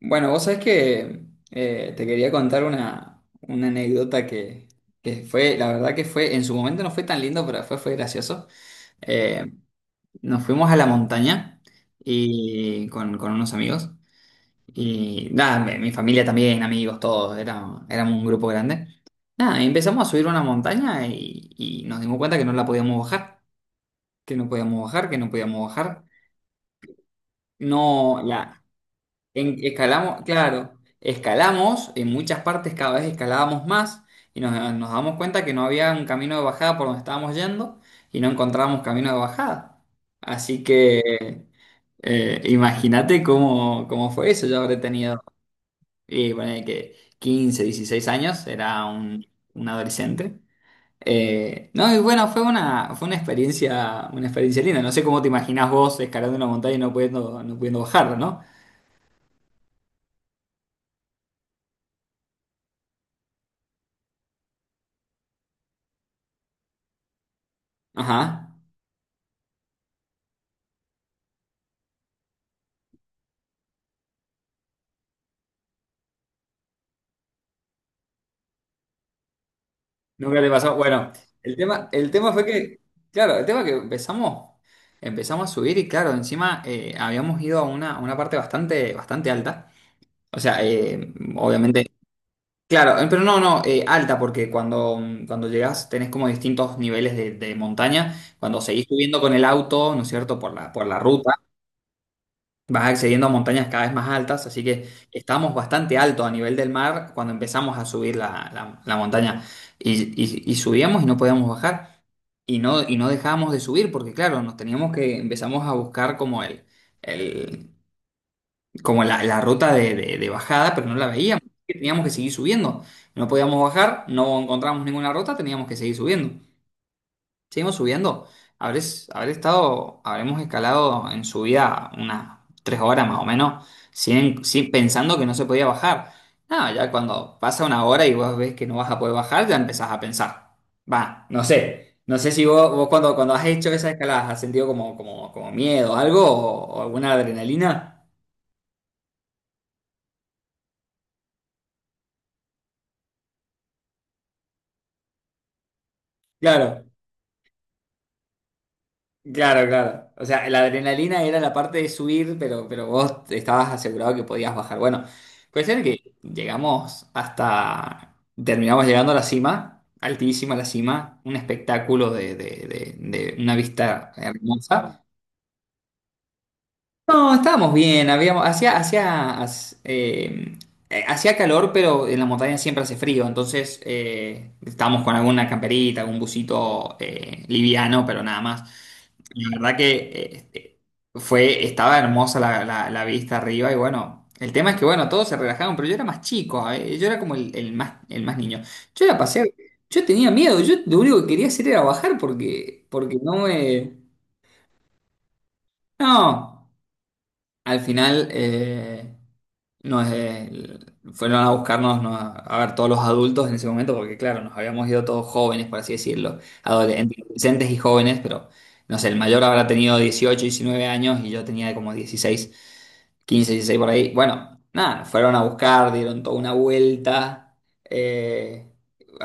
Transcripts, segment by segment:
Bueno, vos sabés que te quería contar una anécdota que fue, la verdad que fue, en su momento no fue tan lindo, pero fue gracioso. Eh, Nos fuimos a la montaña y con unos amigos. Y nada, mi familia también, amigos, todos, era, éramos un grupo grande. Nada, y empezamos a subir una montaña y nos dimos cuenta que no la podíamos bajar, que no podíamos bajar, que no podíamos bajar. No, la, En- Escalamos, claro, escalamos, en muchas partes cada vez escalábamos más y nos damos cuenta que no había un camino de bajada por donde estábamos yendo y no encontrábamos camino de bajada. Así que imagínate cómo, cómo fue eso. Yo habré tenido, y ponele que 15 16 años, era un adolescente. No, y bueno, fue una experiencia linda. No sé cómo te imaginás vos escalando una montaña y no pudiendo, no pudiendo bajarla, ¿no? Ajá. Nunca te pasó. Bueno, el tema fue que, claro, el tema que empezamos, empezamos a subir y claro, encima habíamos ido a una parte bastante, bastante alta. O sea, obviamente, claro, pero no, no, alta, porque cuando, cuando llegas tenés como distintos niveles de montaña. Cuando seguís subiendo con el auto, ¿no es cierto?, por por la ruta, vas accediendo a montañas cada vez más altas, así que estábamos bastante alto a nivel del mar cuando empezamos a subir la montaña. Y subíamos y no podíamos bajar. Y no dejábamos de subir, porque claro, nos teníamos que, empezamos a buscar como el- como la ruta de bajada, pero no la veíamos. Teníamos que seguir subiendo. No podíamos bajar, no encontramos ninguna ruta, teníamos que seguir subiendo. Seguimos subiendo. Habremos escalado en subida unas tres horas más o menos, pensando que no se podía bajar. No, ya cuando pasa una hora y vos ves que no vas a poder bajar, ya empezás a pensar. Va, no sé. No sé si vos cuando, cuando has hecho esas escaladas has sentido como miedo, algo o alguna adrenalina. Claro. Claro, claro. O sea, la adrenalina era la parte de subir, pero vos estabas asegurado que podías bajar. Bueno, cuestión es que llegamos hasta, terminamos llegando a la cima, altísima la cima, un espectáculo de una vista hermosa. No, estábamos bien, habíamos, hacía calor, pero en la montaña siempre hace frío, entonces estábamos con alguna camperita, algún busito liviano, pero nada más. La verdad que este, fue, estaba hermosa la vista arriba y bueno, el tema es que bueno, todos se relajaron, pero yo era más chico, ¿eh? Yo era como el más niño. Yo la pasé, yo tenía miedo, yo lo único que quería hacer era bajar porque, porque no me... No, al final... no, fueron a buscarnos, ¿no? A ver todos los adultos en ese momento, porque claro, nos habíamos ido todos jóvenes, por así decirlo, adole- adolescentes y jóvenes, pero no sé, el mayor habrá tenido 18 19 años y yo tenía como 16 15, 16 por ahí. Bueno, nada, fueron a buscar, dieron toda una vuelta eh,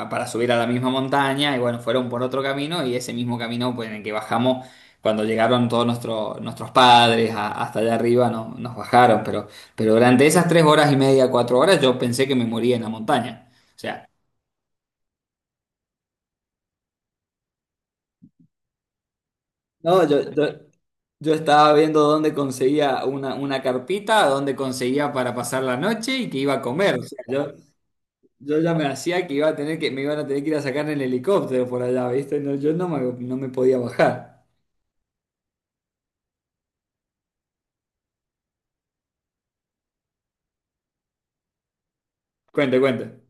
para subir a la misma montaña y bueno, fueron por otro camino y ese mismo camino pues, en el que bajamos, cuando llegaron todos nuestros padres hasta allá arriba, nos bajaron, pero durante esas tres horas y media, cuatro horas, yo pensé que me moría en la montaña. O sea, no, yo estaba viendo dónde conseguía una carpita, dónde conseguía para pasar la noche y que iba a comer. O sea, yo ya me hacía que iba a tener que, me iban a tener que ir a sacar en el helicóptero por allá, ¿viste? No, yo no me, no me podía bajar. Cuente, cuente.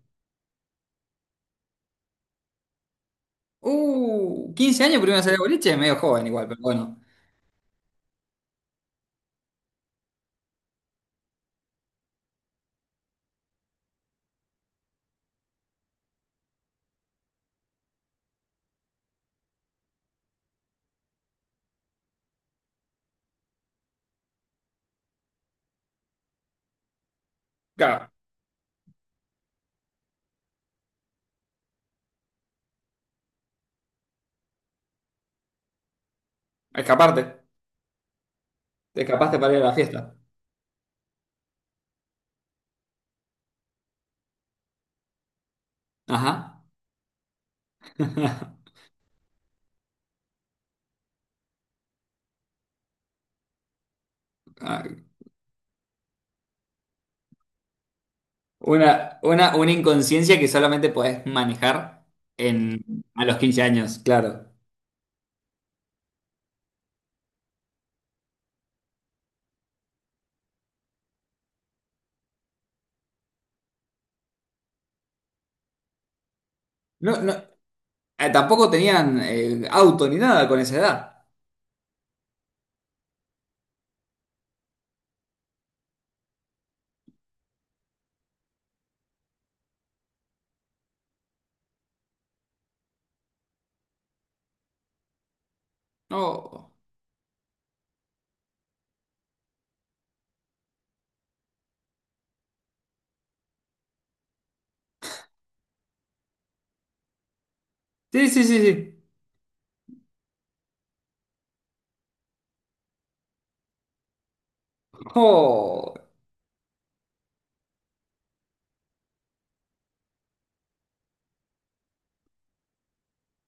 Quince años primero salí de boliche, medio joven igual, pero bueno. Claro, escaparte. Te escapaste para ir a la fiesta. Ajá. Ay, una, una inconsciencia que solamente podés manejar en, a los quince años, claro. No, no, tampoco tenían auto ni nada con esa edad. No. Sí, sí, sí, sí. Oh.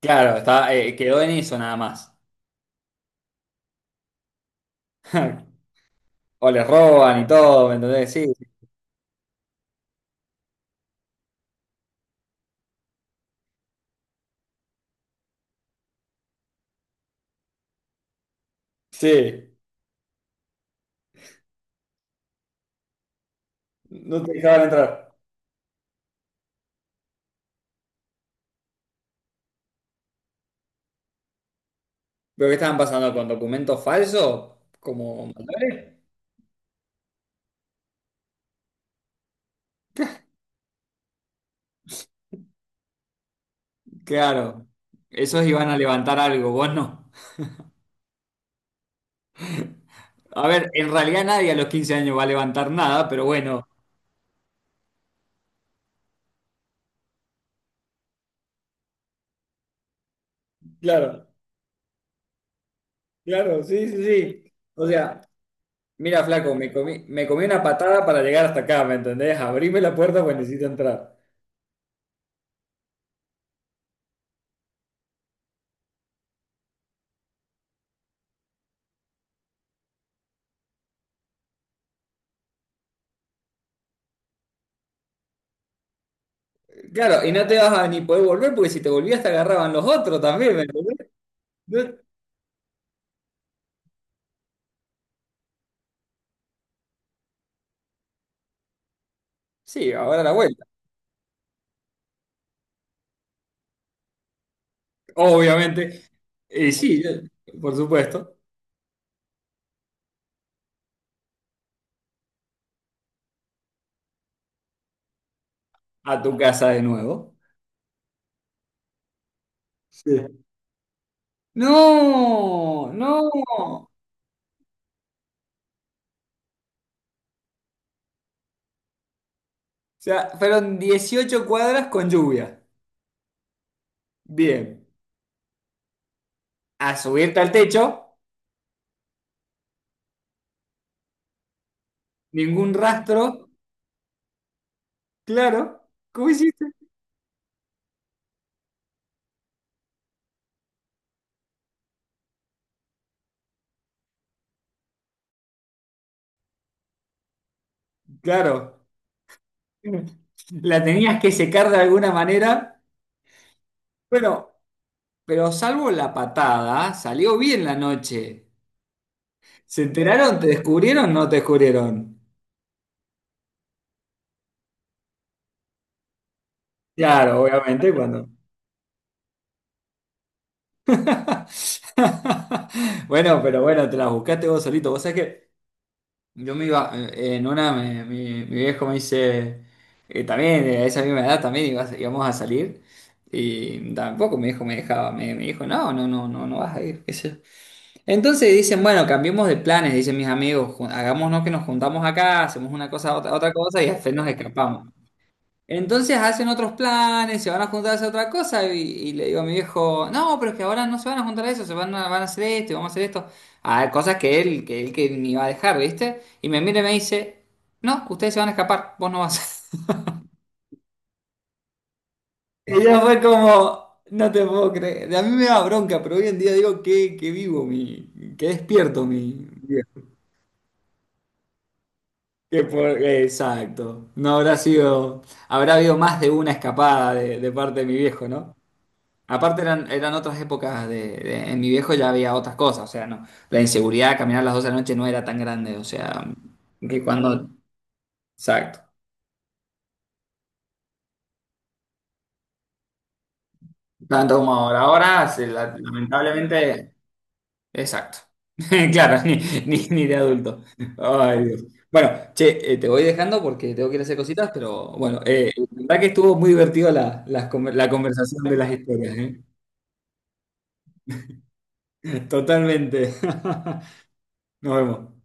Claro, está, quedó en eso nada más. O les roban y todo, ¿me entendés? Sí, sí, no te dejaban entrar. ¿Pero qué estaban pasando con documentos falsos? ¿Como mandales? Claro, esos iban a levantar algo, vos no. A ver, en realidad nadie a los 15 años va a levantar nada, pero bueno. Claro, claro, sí, sí, sí. O sea, mira, flaco, me comí una patada para llegar hasta acá, ¿me entendés? Abrime la puerta porque necesito entrar. Claro, y no te vas a ni poder volver porque si te volvías te agarraban los otros también, ¿me entendés? No- Sí, ahora la vuelta, obviamente. Y sí, yo- por supuesto, a tu casa de nuevo. Sí. No, no. O sea, fueron 18 cuadras con lluvia. Bien. A subirte al techo, ningún rastro. Claro. ¿Cómo hiciste? Claro. La tenías que secar de alguna manera. Bueno, pero salvo la patada, salió bien la noche. ¿Se enteraron? ¿Te descubrieron? ¿No te descubrieron? Claro, obviamente cuando. Bueno, pero bueno, te la buscaste vos solito. Vos sabés que yo me iba, en una, mi viejo me dice, también, a esa misma edad también íbamos a salir. Y tampoco mi hijo me dejaba, me dijo, no, no, no, no, no vas a ir. Qué sé yo. Entonces dicen, bueno, cambiemos de planes, dicen mis amigos, hagámonos que nos juntamos acá, hacemos una cosa, otra, otra cosa y al fin nos escapamos. Entonces hacen otros planes, se van a juntar a hacer otra cosa y le digo a mi viejo, no, pero es que ahora no se van a juntar a eso, se van a, van a hacer esto y vamos a hacer esto. Ah, cosas que él que ni va a dejar, ¿viste? Y me mira y me dice, no, ustedes se van a escapar, vos no vas. Y yo fue como, no te puedo creer. A mí me da bronca, pero hoy en día digo que vivo, mi, que despierto mi... viejo. Que por- Exacto. No habrá sido, habrá habido más de una escapada de parte de mi viejo, ¿no? Aparte eran, eran otras épocas en mi viejo ya había otras cosas, o sea, no. La inseguridad, de caminar a las 12 de la noche no era tan grande, o sea, que cuando... Exacto. Tanto como ahora, ahora, lamentablemente... Exacto. Claro, ni, ni, ni de adulto. Ay, Dios. Bueno, che, te voy dejando porque tengo que ir a hacer cositas, pero bueno, la verdad que estuvo muy divertido la, la conversación de las historias, ¿eh? Totalmente. Nos vemos.